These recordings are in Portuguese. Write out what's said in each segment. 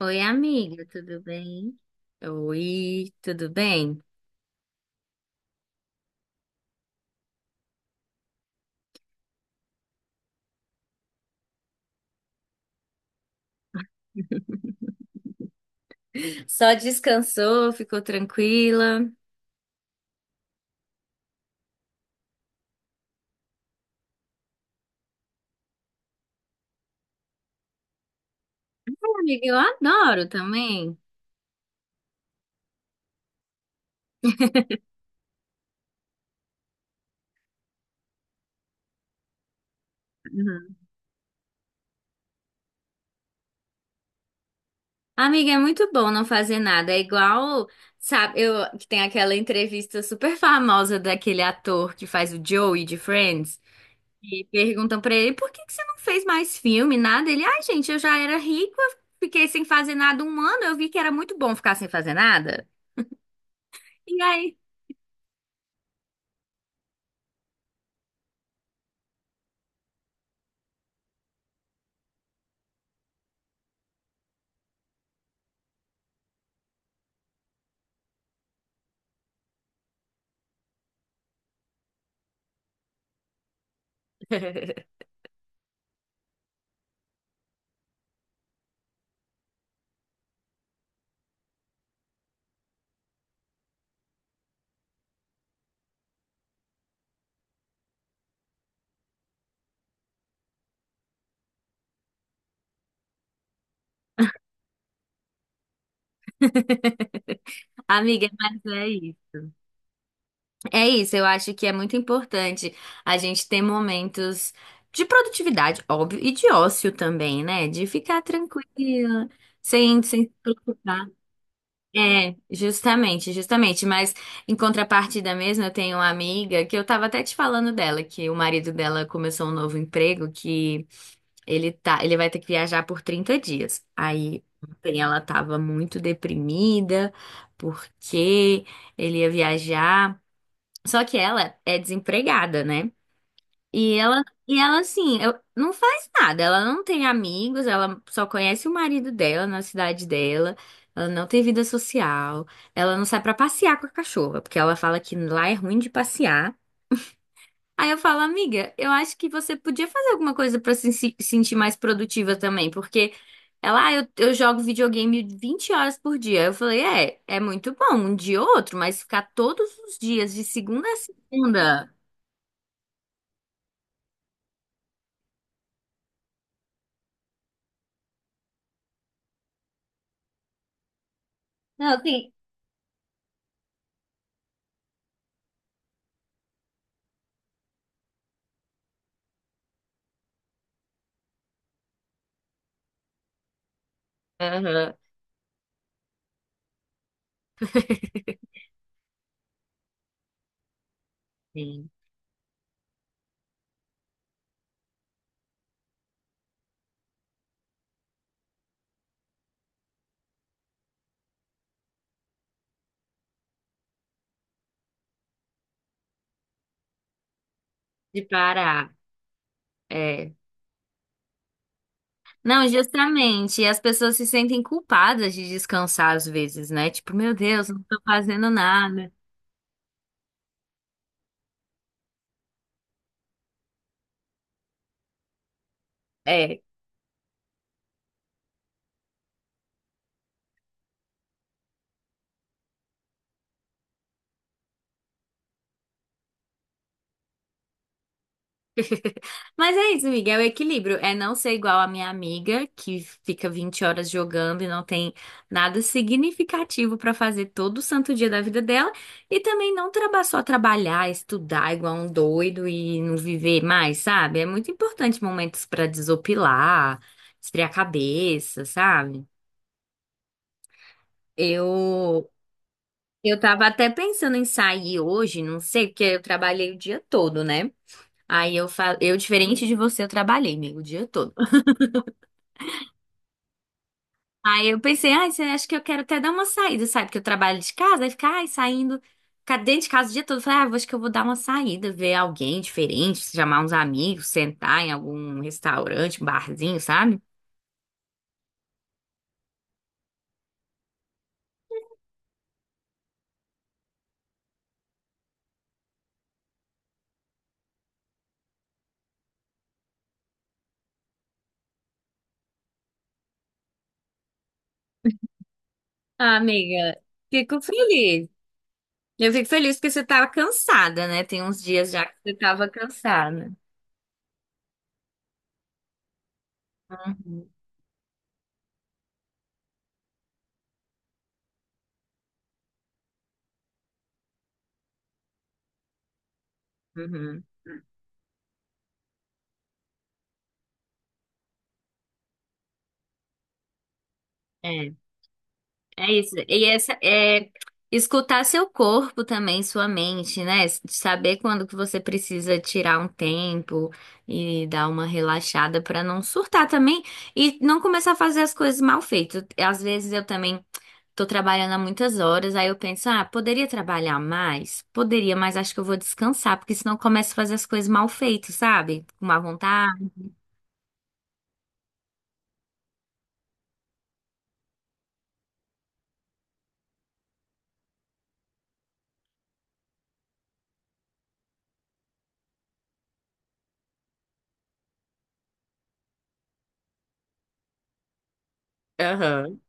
Oi, amiga, tudo bem? Oi, tudo bem? Só descansou, ficou tranquila? Ai, amiga, eu adoro também. Uhum. Amiga, é muito bom não fazer nada. É igual, sabe, eu que tem aquela entrevista super famosa daquele ator que faz o Joey de Friends. E perguntam pra ele, por que que você não fez mais filme, nada? Ele, ai, gente, eu já era rico, eu fiquei sem fazer nada um ano, eu vi que era muito bom ficar sem fazer nada. E aí Amiga, mas é isso. É isso, eu acho que é muito importante a gente ter momentos de produtividade, óbvio, e de ócio também, né? De ficar tranquila, sem se preocupar. É, justamente, justamente. Mas em contrapartida mesmo, eu tenho uma amiga que eu tava até te falando dela, que o marido dela começou um novo emprego que ele tá, ele vai ter que viajar por 30 dias. Aí ontem ela tava muito deprimida porque ele ia viajar. Só que ela é desempregada, né? E ela assim, não faz nada. Ela não tem amigos, ela só conhece o marido dela na cidade dela. Ela não tem vida social. Ela não sai pra passear com a cachorra, porque ela fala que lá é ruim de passear. Aí eu falo, amiga, eu acho que você podia fazer alguma coisa pra se sentir mais produtiva também, porque ela, ah, eu jogo videogame 20 horas por dia. Eu falei, é, é muito bom, um dia ou outro, mas ficar todos os dias, de segunda a segunda. Não, assim. Aham. Sim. De parar. É. Não, justamente. E as pessoas se sentem culpadas de descansar às vezes, né? Tipo, meu Deus, não tô fazendo nada. É. Mas é isso, amiga, é o equilíbrio. É não ser igual a minha amiga, que fica 20 horas jogando e não tem nada significativo pra fazer todo santo dia da vida dela. E também não traba- só trabalhar, estudar igual um doido e não viver mais, sabe? É muito importante momentos pra desopilar, esfriar a cabeça, sabe? Eu eu tava até pensando em sair hoje, não sei, porque eu trabalhei o dia todo, né? Aí eu diferente de você, eu trabalhei, amigo, o dia todo. Aí eu pensei, ai, você acha que eu quero até dar uma saída, sabe? Porque eu trabalho de casa, aí ficar, ai, saindo, ficar dentro de casa o dia todo. Eu falei, ah, eu acho que eu vou dar uma saída, ver alguém diferente, chamar uns amigos, sentar em algum restaurante, um barzinho, sabe? Ah, amiga, fico feliz. Eu fico feliz porque você tava cansada, né? Tem uns dias já que você tava cansada. Uhum. É, é isso. E essa é escutar seu corpo também, sua mente, né? Saber quando que você precisa tirar um tempo e dar uma relaxada pra não surtar também e não começar a fazer as coisas mal feitas. Às vezes eu também tô trabalhando há muitas horas, aí eu penso, ah, poderia trabalhar mais? Poderia, mas acho que eu vou descansar, porque senão eu começo a fazer as coisas mal feitas, sabe? Com má vontade. Aham.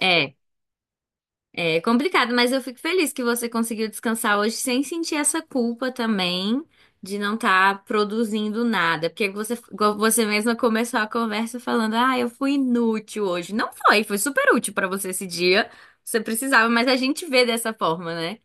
É. É complicado, mas eu fico feliz que você conseguiu descansar hoje sem sentir essa culpa também de não estar produzindo nada. Porque você, igual você mesma começou a conversa falando: ah, eu fui inútil hoje. Não foi, foi super útil pra você esse dia. Você precisava, mas a gente vê dessa forma, né?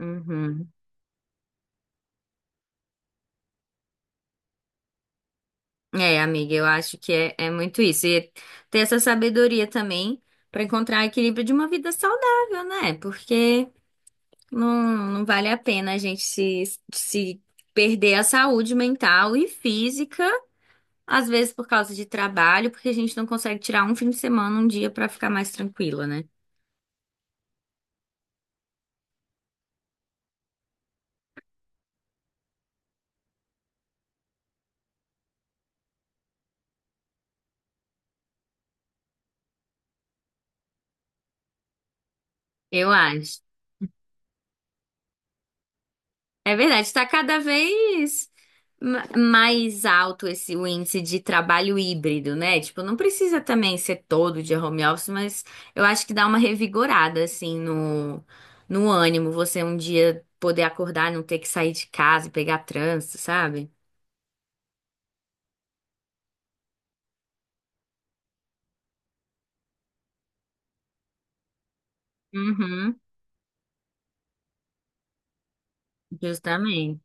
Uhum. É, amiga, eu acho que é, é muito isso. E ter essa sabedoria também pra encontrar equilíbrio de uma vida saudável, né? Porque não, não vale a pena a gente se perder a saúde mental e física, às vezes por causa de trabalho, porque a gente não consegue tirar um fim de semana, um dia pra ficar mais tranquila, né? Eu acho. É verdade, está cada vez mais alto esse o índice de trabalho híbrido, né? Tipo, não precisa também ser todo dia home office, mas eu acho que dá uma revigorada assim no ânimo, você um dia poder acordar, não ter que sair de casa e pegar trânsito, sabe? Uhum, justamente.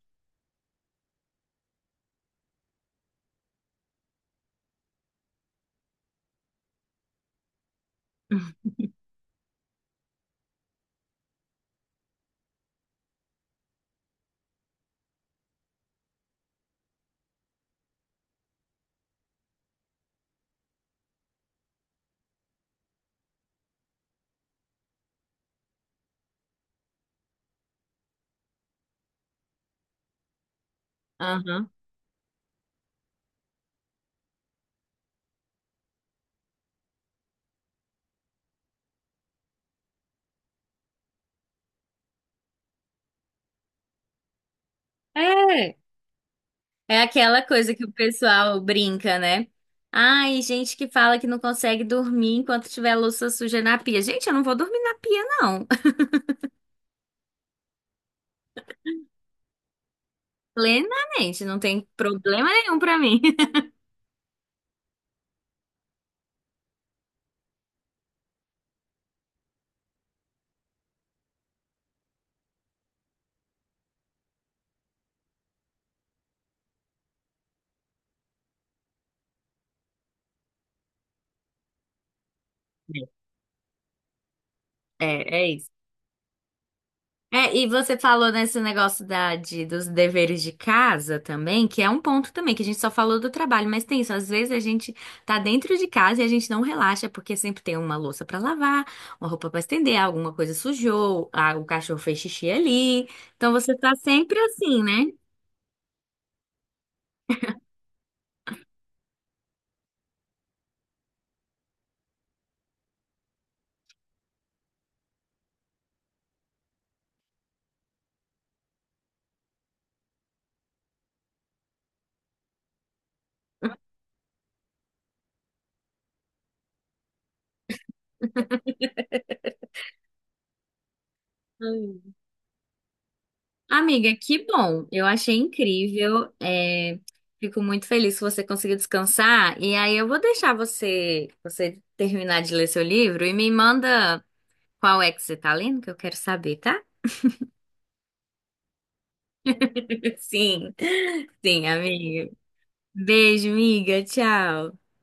Aham. É, é aquela coisa que o pessoal brinca, né? Ai, gente que fala que não consegue dormir enquanto tiver louça suja na pia. Gente, eu não vou dormir na pia, não. Plenamente, não tem problema nenhum pra mim. É, é isso. É, e você falou nesse negócio da, dos deveres de casa também, que é um ponto também, que a gente só falou do trabalho, mas tem isso, às vezes a gente tá dentro de casa e a gente não relaxa, porque sempre tem uma louça pra lavar, uma roupa pra estender, alguma coisa sujou, ah, o cachorro fez xixi ali. Então você tá sempre assim, né? Ai, amiga, que bom. Eu achei incrível. É, fico muito feliz que você conseguiu descansar. E aí eu vou deixar você terminar de ler seu livro e me manda. Qual é que você tá lendo, que eu quero saber, tá? Sim, sim, amiga. Beijo, amiga. Tchau.